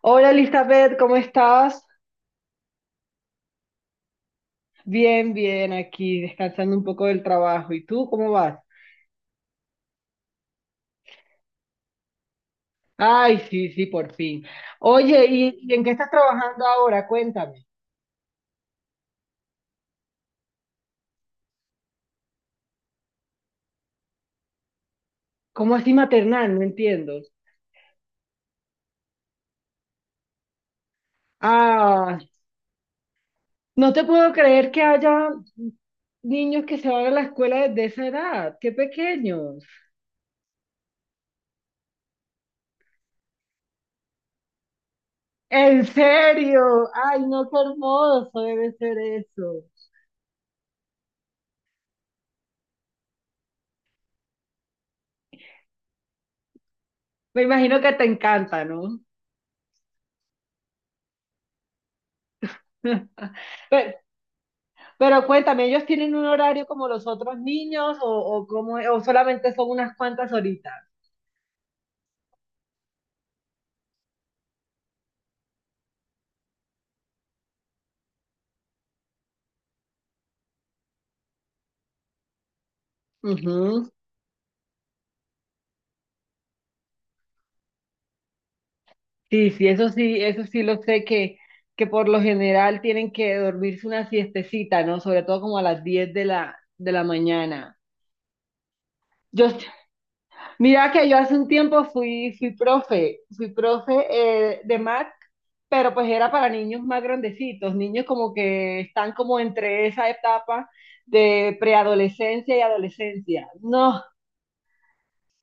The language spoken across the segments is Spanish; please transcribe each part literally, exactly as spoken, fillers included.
Hola Elizabeth, ¿cómo estás? Bien, bien, aquí descansando un poco del trabajo. ¿Y tú cómo vas? Ay, sí, sí, por fin. Oye, ¿y, y en qué estás trabajando ahora? Cuéntame. ¿Cómo así maternal? No entiendo. Ah, no te puedo creer que haya niños que se van a la escuela desde esa edad. ¡Qué pequeños! ¿En serio? Ay, no, qué hermoso debe ser eso. Me imagino que te encanta, ¿no? Pero, Pero cuéntame, ¿ellos tienen un horario como los otros niños o, o, cómo es? ¿O solamente son unas cuantas horitas? Ujú. Sí, sí, eso sí, eso sí lo sé que, que por lo general tienen que dormirse una siestecita, ¿no? Sobre todo como a las diez de la, de la mañana. Yo, mira que yo hace un tiempo fui, fui profe, fui profe eh, de M A C, pero pues era para niños más grandecitos, niños como que están como entre esa etapa de preadolescencia y adolescencia. No,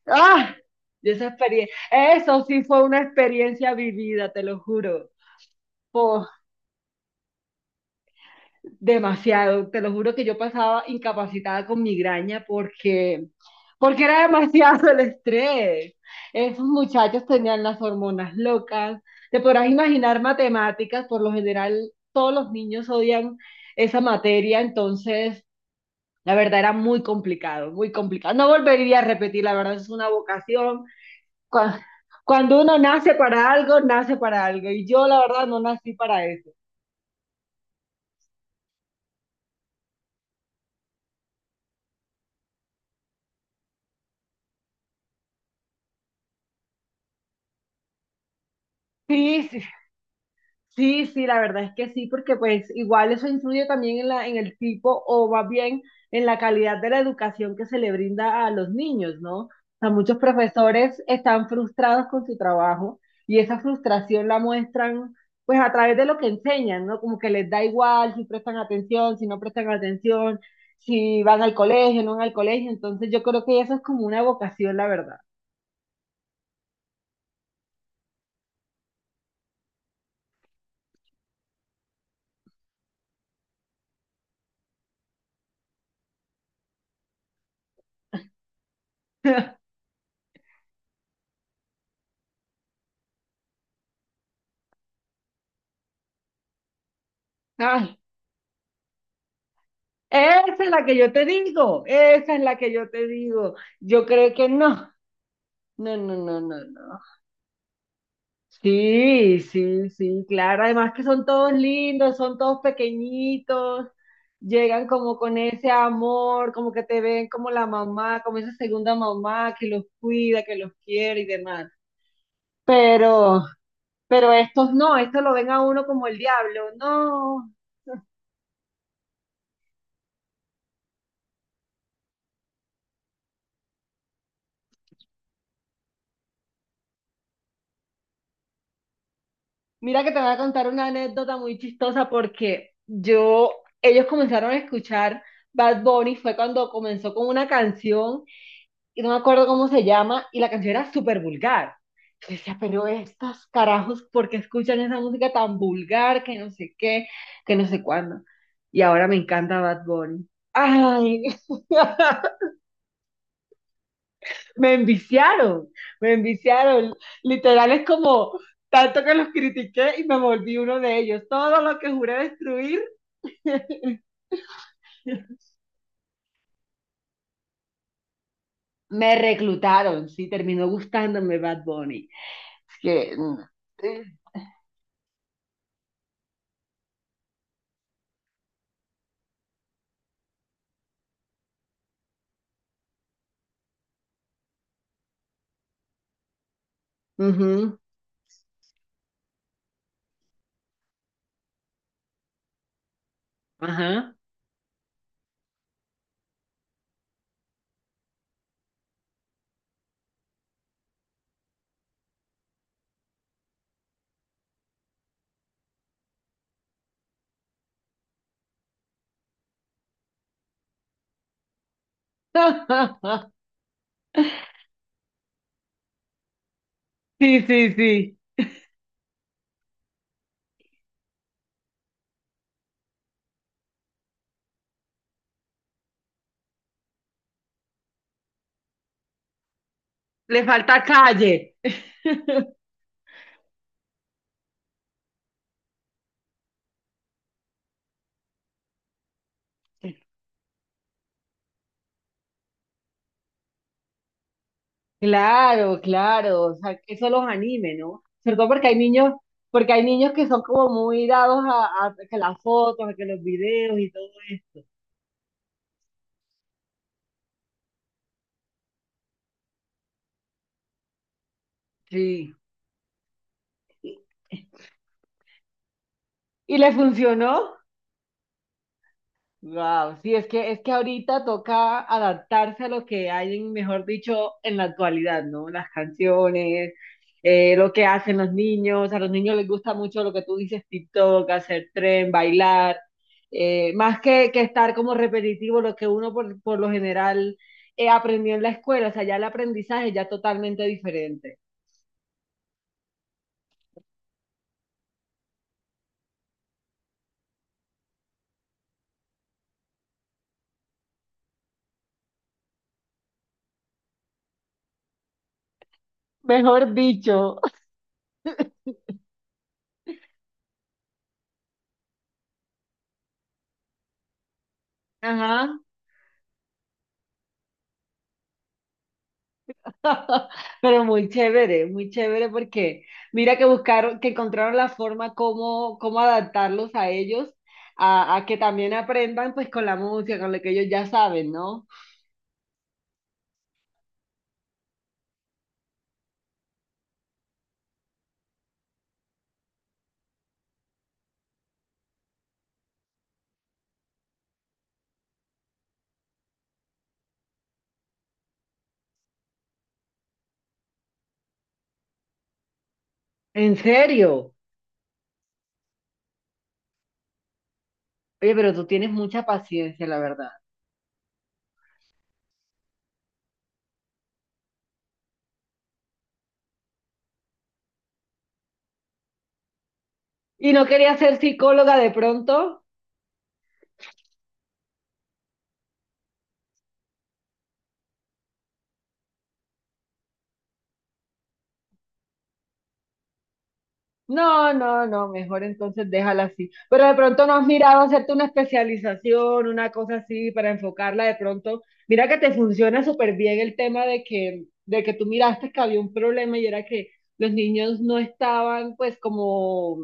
ah, y esa experiencia, eso sí fue una experiencia vivida, te lo juro. Oh, demasiado, te lo juro que yo pasaba incapacitada con migraña porque, porque era demasiado el estrés. Esos muchachos tenían las hormonas locas. Te podrás imaginar matemáticas, por lo general todos los niños odian esa materia, entonces la verdad era muy complicado, muy complicado. No volvería a repetir, la verdad es una vocación cua- cuando uno nace para algo, nace para algo. Y yo, la verdad, no nací para eso. Sí, sí, sí, sí, la verdad es que sí, porque pues igual eso influye también en la, en el tipo o más bien en la calidad de la educación que se le brinda a los niños, ¿no? O sea, muchos profesores están frustrados con su trabajo y esa frustración la muestran pues a través de lo que enseñan, ¿no? Como que les da igual si prestan atención, si no prestan atención, si van al colegio, no van al colegio. Entonces yo creo que eso es como una vocación, la verdad. Ay, esa es la que yo te digo, esa es la que yo te digo. Yo creo que no, no, no, no, no, no. Sí, sí, sí, claro. Además que son todos lindos, son todos pequeñitos, llegan como con ese amor, como que te ven como la mamá, como esa segunda mamá que los cuida, que los quiere y demás. Pero, pero estos no, estos lo ven a uno como el diablo, no. Mira que te voy a contar una anécdota muy chistosa porque yo, ellos comenzaron a escuchar Bad Bunny, fue cuando comenzó con una canción y no me acuerdo cómo se llama y la canción era súper vulgar. Yo decía, pero estos carajos, ¿por qué escuchan esa música tan vulgar que no sé qué, que no sé cuándo? Y ahora me encanta Bad Bunny. Ay, me enviciaron, me enviciaron. Literal es como tanto que los critiqué y me volví uno de ellos. Todo lo que juré destruir, me reclutaron, sí, terminó gustándome Bad Bunny. Es que... mm, ujú, ajá. Sí, sí, sí. Le falta calle. Claro, claro, o sea, que eso los anime, ¿no? Sobre todo porque hay niños, porque hay niños que son como muy dados a, a que las fotos, a que los videos y todo esto. Sí. ¿Y le funcionó? Wow, sí, es que es que ahorita toca adaptarse a lo que hay, en- mejor dicho, en la actualidad, ¿no? Las canciones, eh, lo que hacen los niños, a los niños les gusta mucho lo que tú dices, TikTok, hacer tren, bailar, eh, más que, que estar como repetitivo lo que uno por, por lo general eh, aprendió en la escuela, o sea, ya el aprendizaje ya es totalmente diferente. Mejor dicho. Ajá. Pero muy chévere, muy chévere porque mira que buscaron, que encontraron la forma cómo, cómo adaptarlos a ellos, a, a que también aprendan pues con la música, con lo que ellos ya saben, ¿no? En serio. Oye, pero tú tienes mucha paciencia, la verdad. ¿Y no querías ser psicóloga de pronto? No, no, no, mejor entonces déjala así. Pero de pronto no has mirado hacerte una especialización, una cosa así para enfocarla de pronto. Mira que te funciona súper bien el tema de que, de que tú miraste que había un problema y era que los niños no estaban pues como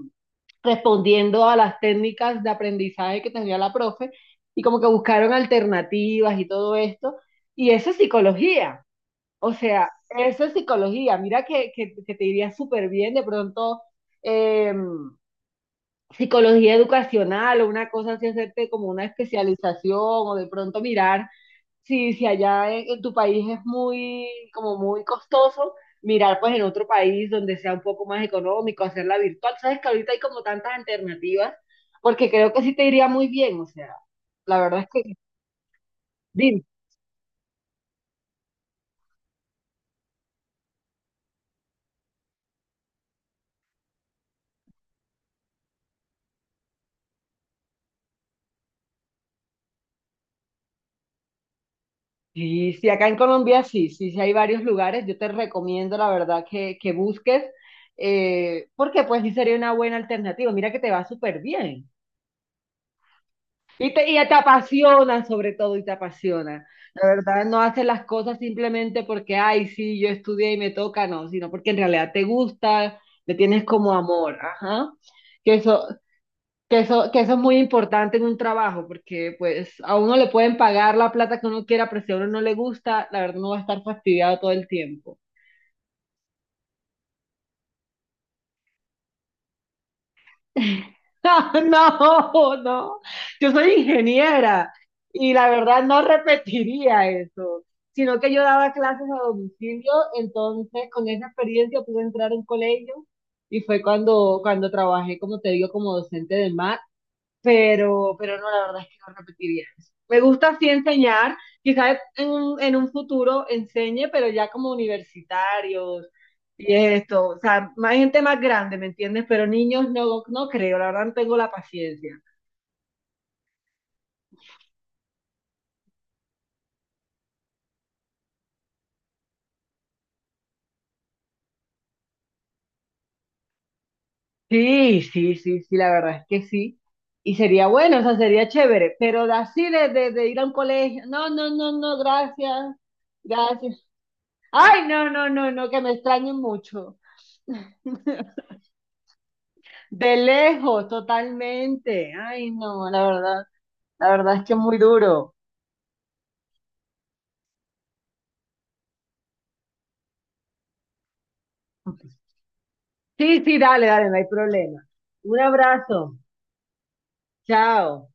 respondiendo a las técnicas de aprendizaje que tenía la profe y como que buscaron alternativas y todo esto. Y eso es psicología. O sea, eso es psicología. Mira que, que- que te iría súper bien de pronto eh, psicología educacional o una cosa así, hacerte como una especialización o de pronto mirar si, si allá en, en tu país es muy, como muy costoso, mirar pues en otro país donde sea un poco más económico, hacerla virtual. Sabes que ahorita hay como tantas alternativas, porque creo que sí te iría muy bien. O sea, la verdad es que, dime. Sí, sí, acá en Colombia sí, sí, sí hay varios lugares. Yo te recomiendo, la verdad, que, que busques, eh, porque pues sí sería una buena alternativa. Mira que te va súper bien. Y te, y te apasiona sobre todo, y te apasiona. La verdad, no haces las cosas simplemente porque, ay, sí, yo estudié y me toca, no, sino porque en realidad te gusta, le tienes como amor. Ajá. Que eso, que eso, que eso es muy importante en un trabajo, porque pues a uno le pueden pagar la plata que uno quiera, pero si a uno no le gusta, la verdad uno va a estar fastidiado todo el tiempo. No, no, yo soy ingeniera y la verdad no repetiría eso, sino que yo daba clases a domicilio, entonces con esa experiencia pude entrar a un colegio y fue cuando, cuando trabajé, como te digo, como docente de M A T. pero, pero no, la verdad es que no repetiría eso. Me gusta sí enseñar, quizás en un, en un futuro enseñe, pero ya como universitarios y esto, o sea, más gente más grande, ¿me entiendes? Pero niños no, no creo, la verdad no tengo la paciencia. Sí, sí, sí, sí, la verdad es que sí. Y sería bueno, o sea, sería chévere, pero de así de, de, de ir a un colegio, no, no, no, no, gracias, gracias. Ay, no, no, no, no, que me extrañen mucho. De lejos, totalmente. Ay, no, la verdad, la verdad es que es muy duro. Sí, sí, dale, dale, no hay problema. Un abrazo. Chao.